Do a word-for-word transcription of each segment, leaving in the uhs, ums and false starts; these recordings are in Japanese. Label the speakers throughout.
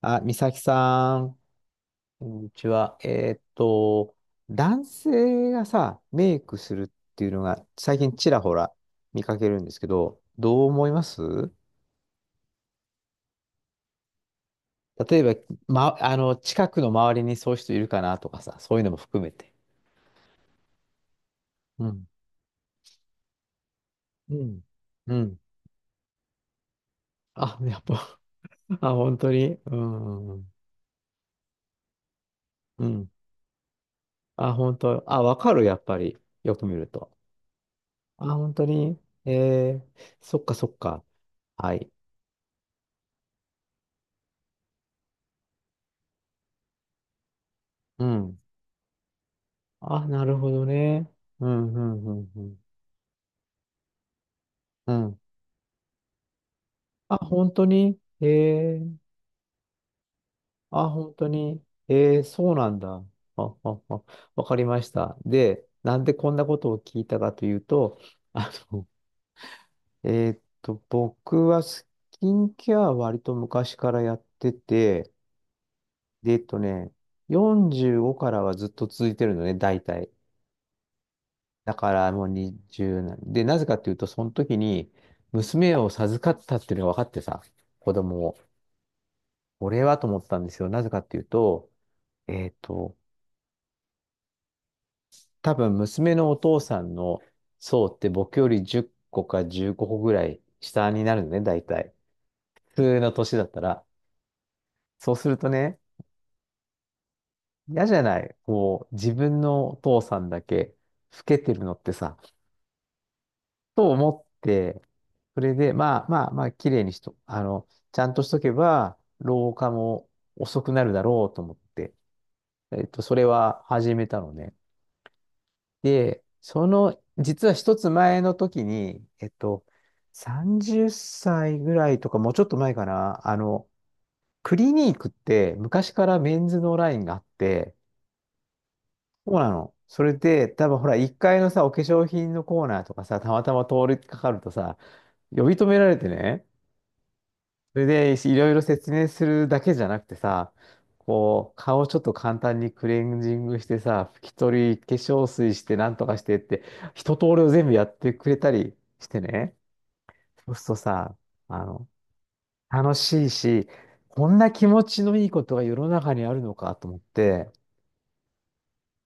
Speaker 1: あ、美咲さん、こんにちは。えーっと、男性がさ、メイクするっていうのが最近ちらほら見かけるんですけど、どう思います？例えば、ま、あの、近くの周りにそういう人いるかなとかさ、そういうのも含めて。うん。うん。うん。あ、やっぱ、あ、本当に。うん。うん。あ、本当。あ、わかる、やっぱり。よく見ると。あ、本当に。えー、そっかそっか。はい。うん。あ、なるほどね。うん、うん、うん、うん。うん。あ、本当に。ええ。あ、本当に。ええ、そうなんだ。あ、あ、あ、わかりました。で、なんでこんなことを聞いたかというと、あの、えーっと、僕はスキンケアは割と昔からやってて、で、えっとね、よんじゅうごからはずっと続いてるのね、大体。だからもうにじゅうなんで、なぜかっていうと、その時に娘を授かったっていうのが分かってさ、子供を。俺はと思ったんですよ。なぜかっていうと、えっと、多分娘のお父さんの層って僕よりじゅっこかじゅうごこぐらい下になるのね、大体。普通の年だったら。そうするとね、嫌じゃない。こう、自分のお父さんだけ老けてるのってさ、と思って、それで、まあまあまあ、綺麗にしと、あの、ちゃんとしとけば、老化も遅くなるだろうと思って、えっと、それは始めたのね。で、その、実は一つ前の時に、えっと、さんじゅっさいぐらいとか、もうちょっと前かな、あの、クリニークって昔からメンズのラインがあって、そうなの。それで、多分ほら、いっかいのさ、お化粧品のコーナーとかさ、たまたま通りかかるとさ、呼び止められてね、それで、いろいろ説明するだけじゃなくてさ、こう、顔をちょっと簡単にクレンジングしてさ、拭き取り、化粧水して、なんとかしてって、一通りを全部やってくれたりしてね。そうするとさ、あの、楽しいし、こんな気持ちのいいことが世の中にあるのかと思って、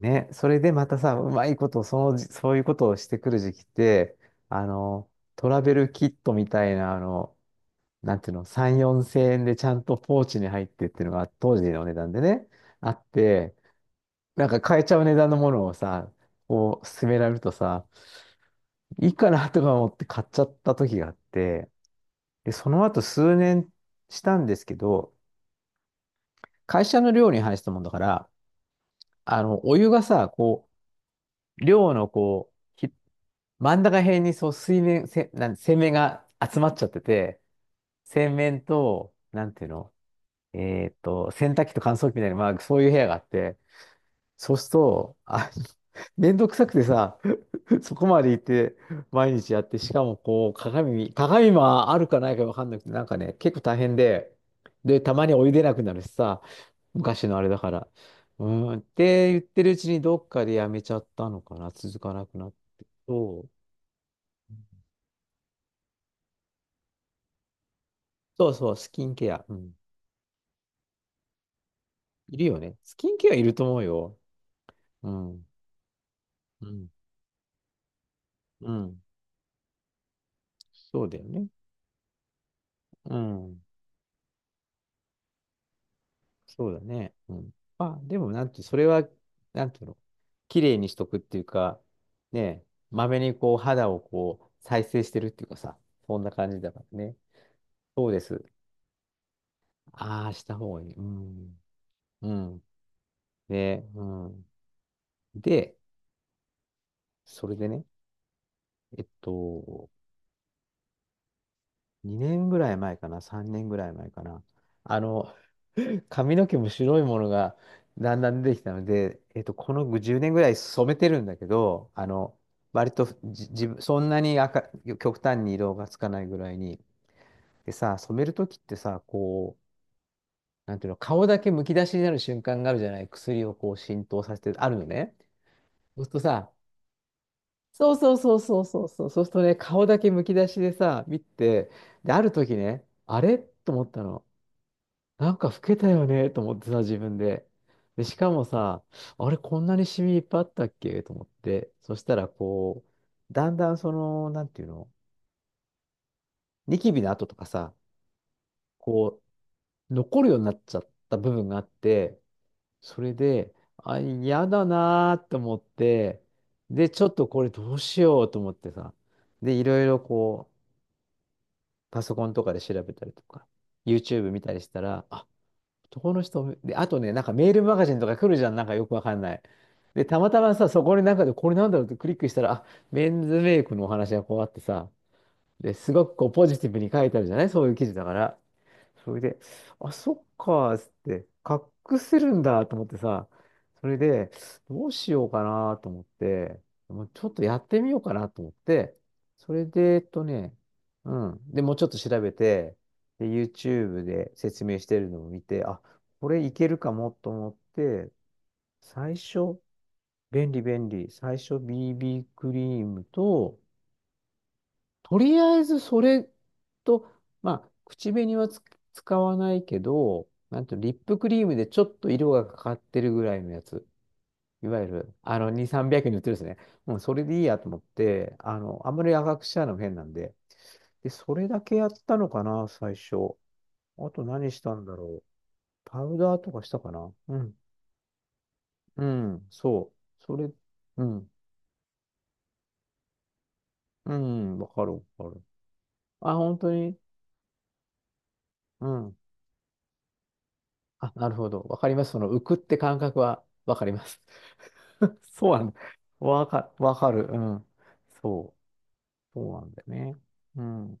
Speaker 1: ね、それでまたさ、うまいこと、その、そういうことをしてくる時期って、あの、トラベルキットみたいな、あの、なんていうの、さん、よんせん円でちゃんとポーチに入ってっていうのが当時の値段でね、あって、なんか買えちゃう値段のものをさ、こう勧められるとさ、いいかなとか思って買っちゃった時があって、で、その後数年したんですけど、会社の寮に入したもんだから、あの、お湯がさ、こう、寮のこう、ひ真ん中辺にそう水面、せ、なん、洗面が集まっちゃってて、洗面と、なんていうの、えーっと、洗濯機と乾燥機みたいな、まあ、そういう部屋があって、そうすると、あ、めんどくさくてさ、そこまで行って、毎日やって、しかもこう、鏡、鏡もあるかないかわかんなくて、なんかね、結構大変で、で、たまにお湯出なくなるしさ、昔のあれだから。うーん、って言ってるうちにどっかでやめちゃったのかな、続かなくなって。そう、そうそう、スキンケア。うん。いるよね。スキンケアいると思うよ。うん。うん。うん。そうだよね。うん。そうだね。うん。まあ、でも、なんて、それは、なんていうの、綺麗にしとくっていうか、ねえ、まめにこう、肌をこう、再生してるっていうかさ、そんな感じだからね。そうです。ああ、した方がいい。うん。うん。ね、うん。で、それでね、えっと、にねんぐらい前かな、さんねんぐらい前かな。あの、髪の毛も白いものがだんだん出てきたので、えっと、このじゅうねんぐらい染めてるんだけど、あの、割とじ自分、そんなに赤、極端に色がつかないぐらいに。でさ、染めるときってさ、こう、なんていうの、顔だけむき出しになる瞬間があるじゃない、薬をこう浸透させて、あるのね。そうするとさ、そうそうそうそうそうそう、そうするとね、顔だけむき出しでさ、見て、で、ある時ね、あれと思ったの。なんか老けたよねと思ってさ、自分で。で、しかもさ、あれ、こんなにシミいっぱいあったっけと思って。そしたら、こう、だんだんその、なんていうの、ニキビの跡とかさ、こう、残るようになっちゃった部分があって、それで、あ、嫌だなーと思って、で、ちょっとこれどうしようと思ってさ、で、いろいろこう、パソコンとかで調べたりとか、YouTube 見たりしたら、あ、男の人、で、あとね、なんかメールマガジンとか来るじゃん、なんかよくわかんない。で、たまたまさ、そこになんかで、これなんだろうってクリックしたら、あ、メンズメイクのお話がこうあってさ、で、すごくこうポジティブに書いてあるじゃない。そういう記事だから。それで、あ、そっかーっつって、隠せるんだと思ってさ、それで、どうしようかなと思って、もうちょっとやってみようかなと思って、それで、えっとね、うん。で、もうちょっと調べて、で、YouTube で説明してるのを見て、あ、これいけるかもと思って、最初、便利便利、最初 ビービー クリームと、とりあえずそれと、まあ、口紅はつ使わないけど、なんていうのリップクリームでちょっと色がかかってるぐらいのやつ。いわゆる、あの、に、さんびゃくえんに売ってるんですね。もうそれでいいやと思って、あの、あんまり赤くしちゃうのも変なんで。で、それだけやったのかな、最初。あと何したんだろう。パウダーとかしたかな。うん。うん、そう。それ、うん。うん、わかるわかる。あ、本当に。うん。あ、なるほど。わかります。その浮くって感覚はわかります。そうなんだ。わか、わかる。うん。そう。そうなんだよね。うん。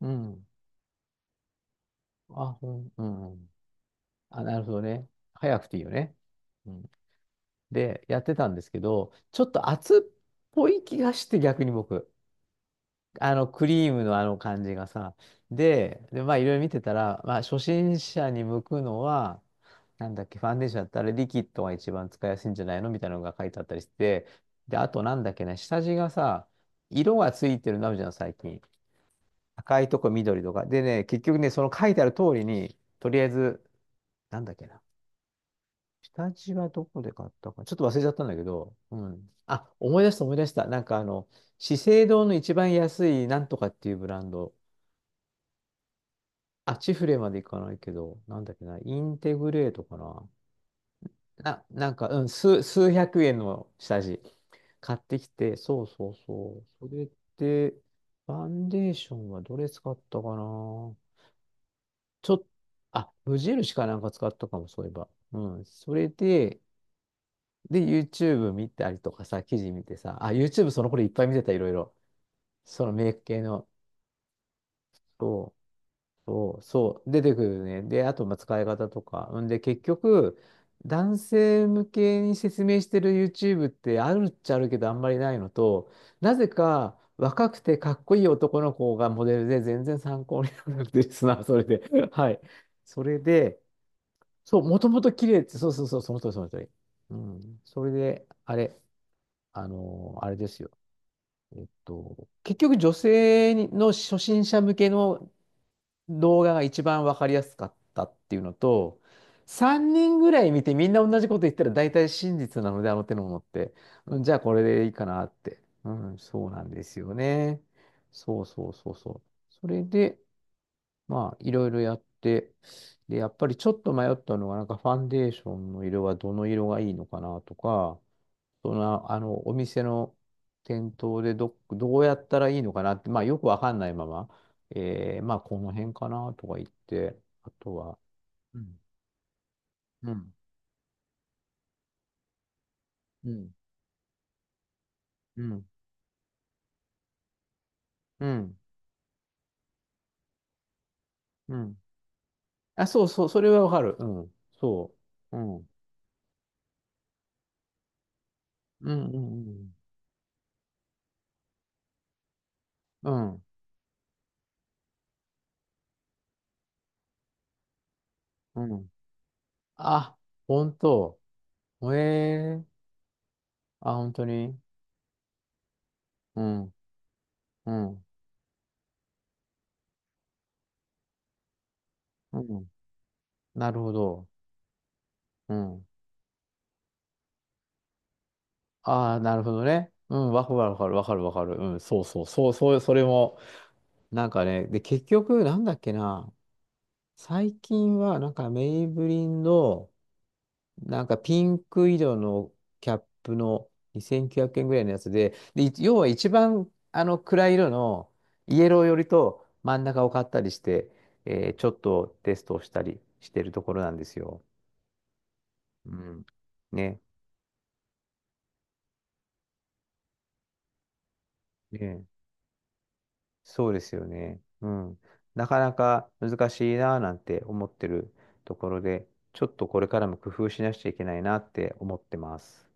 Speaker 1: うん。あ、うん。うん。うん。あ、なるほどね。早くていいよね。うん。で、やってたんですけど、ちょっと熱っぽい気がして逆に僕。あの、クリームのあの感じがさ。で、で、まあ、いろいろ見てたら、まあ、初心者に向くのは、なんだっけ、ファンデーションだったらリキッドが一番使いやすいんじゃないのみたいなのが書いてあったりして、で、あとなんだっけね、下地がさ、色がついてるのあるじゃん、最近。赤いとこ緑とか。でね、結局ね、その書いてある通りに、とりあえず、なんだっけな。下地はどこで買ったか。ちょっと忘れちゃったんだけど、うん。あ、思い出した思い出した。なんかあの、資生堂の一番安いなんとかっていうブランド。あ、チフレまで行かないけど、なんだっけな、インテグレートかな。な、なんか、うん、数、数百円の下地買ってきて、そうそうそう。それで、ファンデーションはどれ使ったかな。ちょっと、あ、無印かなんか使ったかも、そういえば。うん、それで、で、YouTube 見たりとかさ、記事見てさ、あ、YouTube その頃いっぱい見てた、いろいろ。そのメイク系の。そう、そう、出てくるね。で、あと、まあ、使い方とか。んで、結局、男性向けに説明してる YouTube ってあるっちゃあるけど、あんまりないのと、なぜか若くてかっこいい男の子がモデルで全然参考にならなくてですな、それで。はい。それで、そう、もともと綺麗って、そうそうそう、その通り、その通り。うん。それで、あれ、あのーあれですよ。えっと、結局女性にの初心者向けの動画が一番わかりやすかったっていうのと、さんにんぐらい見てみんな同じこと言ったら大体真実なので、あの手のものって。うん、じゃあこれでいいかなって。うん、そうなんですよね。そうそうそうそう。それで、まあ、いろいろやって、で、やっぱりちょっと迷ったのが、なんかファンデーションの色はどの色がいいのかなとか、その、あの、お店の店頭でど、どうやったらいいのかなって、まあ、よくわかんないまま、えー、まあ、この辺かなとか言って、あとは、うん、うん、うん、うん、うん、うん。あ、そうそう、それはわかる。うん、そう。うん、うん、うん、うん、うん。うん。あ、本当。ええ。あ、本当に。うん、うん、うん。なるほど。うん。ああ、なるほどね。うん、わかるわかるわかるわかる。うん、そうそう、そう、そう、それも、なんかね、で、結局、なんだっけな、最近は、なんか、メイブリンの、なんか、ピンク色のキャップのにせんきゅうひゃくえんぐらいのやつで、で、い要は一番、あの、暗い色の、イエロー寄りと真ん中を買ったりして、えーちょっとテストをしたりしてるところなんですよ。うん。ね。ね。そうですよね。うん。なかなか難しいなぁなんて思ってるところで、ちょっとこれからも工夫しなくちゃいけないなって思ってます。